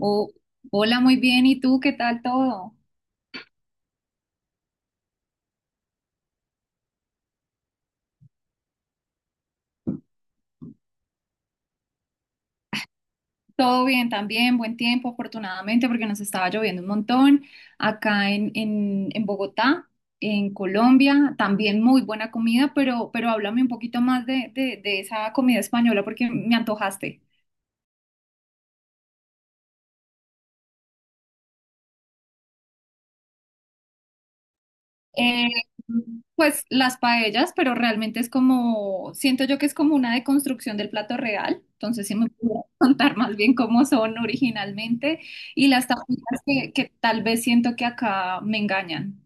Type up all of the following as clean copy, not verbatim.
Oh, hola, muy bien. ¿Y tú qué tal todo? Todo bien también, buen tiempo, afortunadamente, porque nos estaba lloviendo un montón acá en Bogotá, en Colombia. También muy buena comida, pero háblame un poquito más de esa comida española porque me antojaste. Eh, pues las paellas, pero realmente es como, siento yo que es como una deconstrucción del plato real, entonces sí me puedo contar más bien cómo son originalmente y las tapitas que tal vez siento que acá me engañan.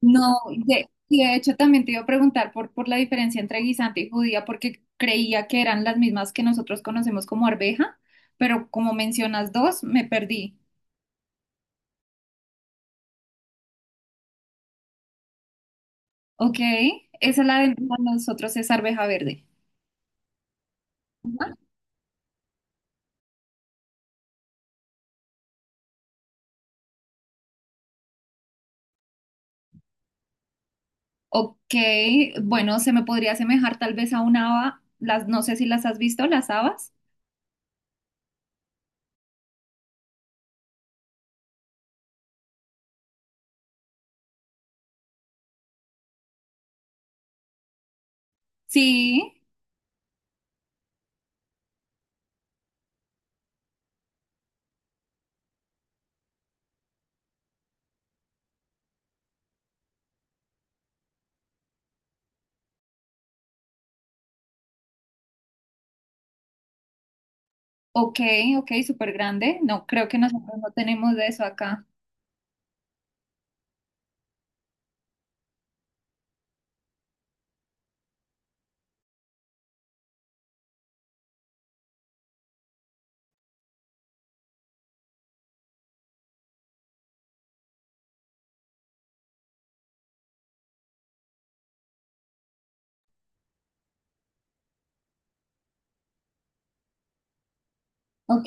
No, de, y de hecho también te iba a preguntar por la diferencia entre guisante y judía, porque creía que eran las mismas que nosotros conocemos como arveja, pero como mencionas dos, me perdí. Ok, esa es la de nosotros es arveja verde. Ok, bueno, se me podría asemejar tal vez a una haba, las, no sé si las has visto, las habas. Sí, ok, ok, súper grande. No, creo que nosotros no tenemos de eso acá. Ok,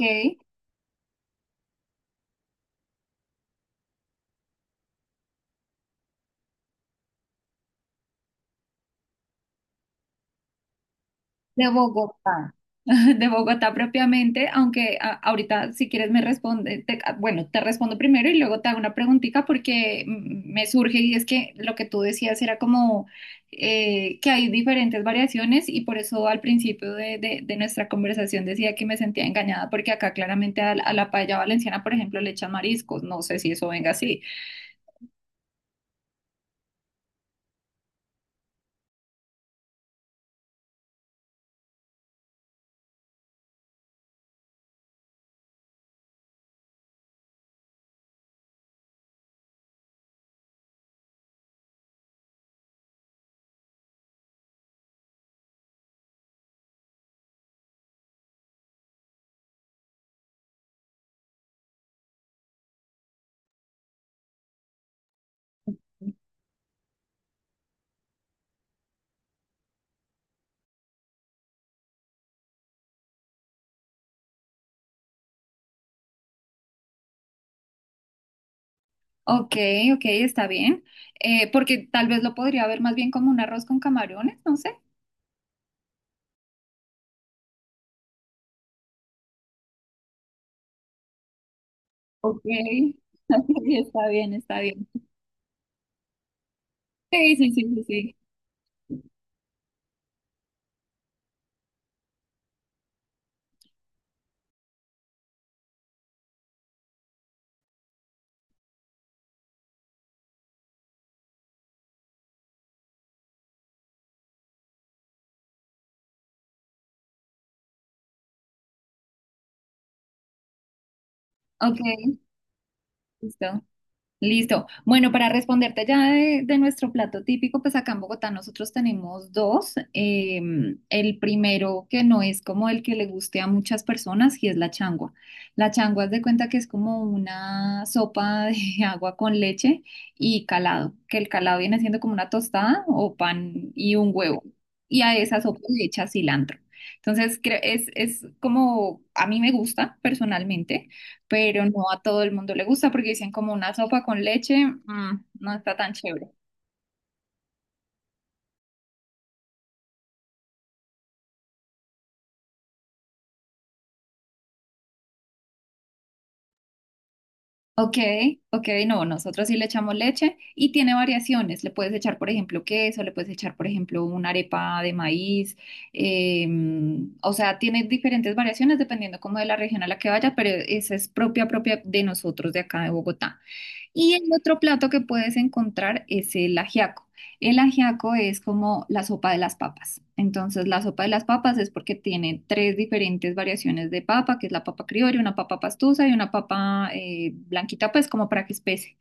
de Bogotá, de Bogotá propiamente, aunque ahorita si quieres me responde, ah, bueno, te respondo primero y luego te hago una preguntita porque me surge y es que lo que tú decías era como que hay diferentes variaciones y por eso al principio de nuestra conversación decía que me sentía engañada porque acá claramente a la paella valenciana, por ejemplo, le echan mariscos, no sé si eso venga así. Ok, ok, está bien. Porque tal vez lo podría ver más bien como un arroz con camarones, no sé. Ok, está bien, está bien. Sí, sí, sí, sí, sí. Ok, listo. Listo. Bueno, para responderte ya de nuestro plato típico, pues acá en Bogotá nosotros tenemos dos. El primero que no es como el que le guste a muchas personas y es la changua. La changua es de cuenta que es como una sopa de agua con leche y calado, que el calado viene siendo como una tostada o pan y un huevo. Y a esa sopa le echa cilantro. Entonces, es como a mí me gusta personalmente, pero no a todo el mundo le gusta porque dicen como una sopa con leche, no está tan chévere. Ok, ok, no, nosotros sí le echamos leche y tiene variaciones. Le puedes echar, por ejemplo, queso, le puedes echar, por ejemplo, una arepa de maíz. eh, o sea, tiene diferentes variaciones dependiendo como de la región a la que vaya, pero esa es propia, propia de nosotros de acá de Bogotá. Y el otro plato que puedes encontrar es el ajiaco. El ajiaco es como la sopa de las papas. Entonces, la sopa de las papas es porque tiene tres diferentes variaciones de papa, que es la papa criolla, una papa pastusa y una papa blanquita, pues como para que espese.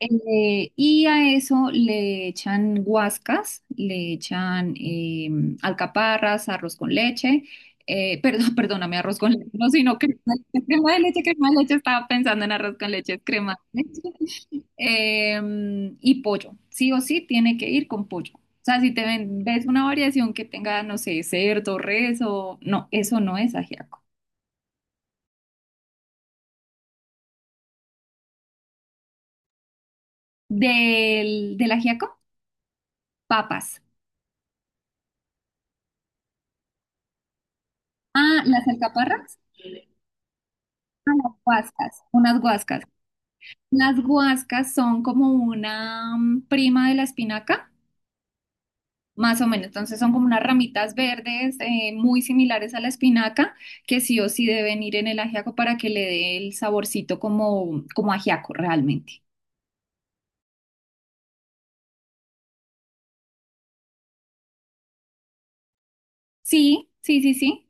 Y a eso le echan guascas, le echan alcaparras, arroz con leche. Perdón, perdóname, arroz con leche, no, sino crema, crema de leche, estaba pensando en arroz con leche, es crema de leche eh, y pollo. Sí o sí tiene que ir con pollo. O sea, si te ves una variación que tenga, no sé, cerdo, res o... No, eso no es ajiaco. Del ajiaco, papas. Ah, las alcaparras. Ah, las guascas, unas guascas. Las guascas son como una prima de la espinaca. Más o menos, entonces son como unas ramitas verdes muy similares a la espinaca que sí o sí deben ir en el ajiaco para que le dé el saborcito como, como ajiaco realmente. Sí, sí, sí, sí.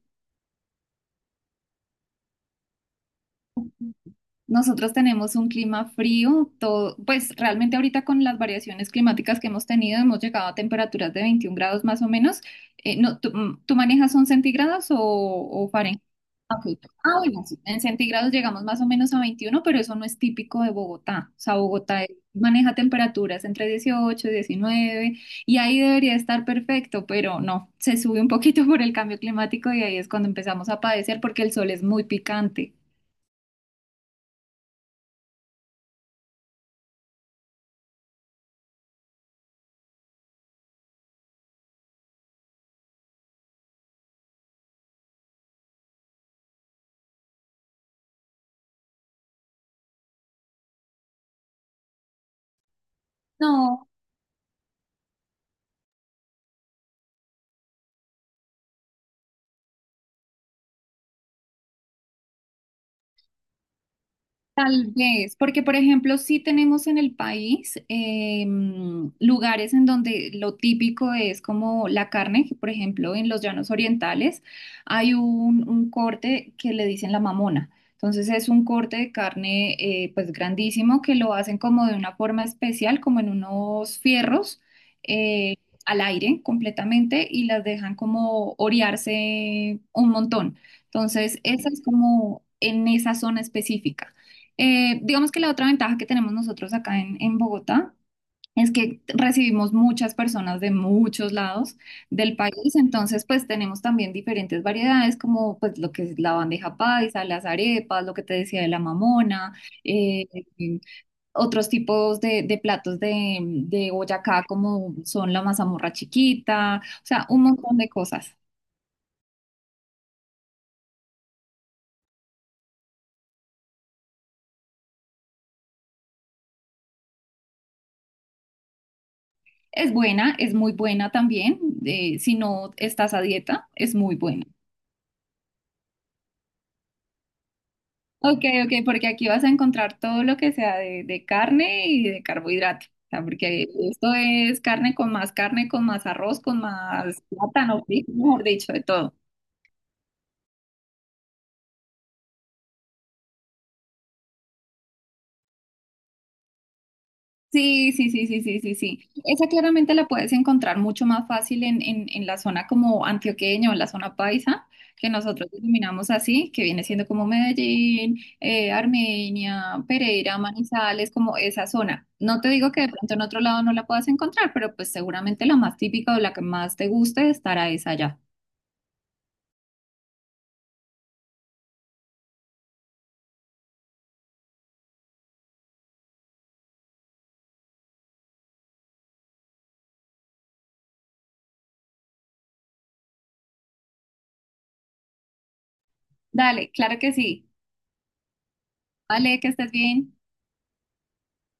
Nosotros tenemos un clima frío, todo, pues realmente ahorita con las variaciones climáticas que hemos tenido hemos llegado a temperaturas de 21 grados más o menos. No, ¿tú, tú manejas son centígrados o Fahrenheit? Ah, ok. Ah, bueno, sí, en centígrados llegamos más o menos a 21, pero eso no es típico de Bogotá. O sea, Bogotá maneja temperaturas entre 18 y 19, y ahí debería estar perfecto, pero no, se sube un poquito por el cambio climático y ahí es cuando empezamos a padecer porque el sol es muy picante. No, tal vez, porque por ejemplo, sí tenemos en el país lugares en donde lo típico es como la carne, que por ejemplo en los llanos orientales hay un corte que le dicen la mamona. Entonces es un corte de carne pues grandísimo que lo hacen como de una forma especial, como en unos fierros eh, al aire completamente y las dejan como orearse un montón. Entonces esa es como en esa zona específica. Digamos que la otra ventaja que tenemos nosotros acá en Bogotá es que recibimos muchas personas de muchos lados del país, entonces pues tenemos también diferentes variedades como pues lo que es la bandeja paisa, las arepas, lo que te decía de la mamona, eh, otros tipos de platos de Boyacá como son la mazamorra chiquita, o sea, un montón de cosas. Es buena, es muy buena también, si no estás a dieta, es muy buena. Ok, ok, porque aquí vas a encontrar todo lo que sea de carne y de carbohidrato. O sea, porque esto es carne, con más arroz, con más plátano, frijol, mejor dicho, de todo. Sí, sí, sí, sí, sí, sí, sí. Esa claramente la puedes encontrar mucho más fácil en la zona como antioqueña o en la zona paisa, que nosotros denominamos así, que viene siendo como Medellín, Armenia, Pereira, Manizales, como esa zona. No te digo que de pronto en otro lado no la puedas encontrar, pero pues seguramente la más típica o la que más te guste estará esa allá. Dale, claro que sí. Vale, que estés bien.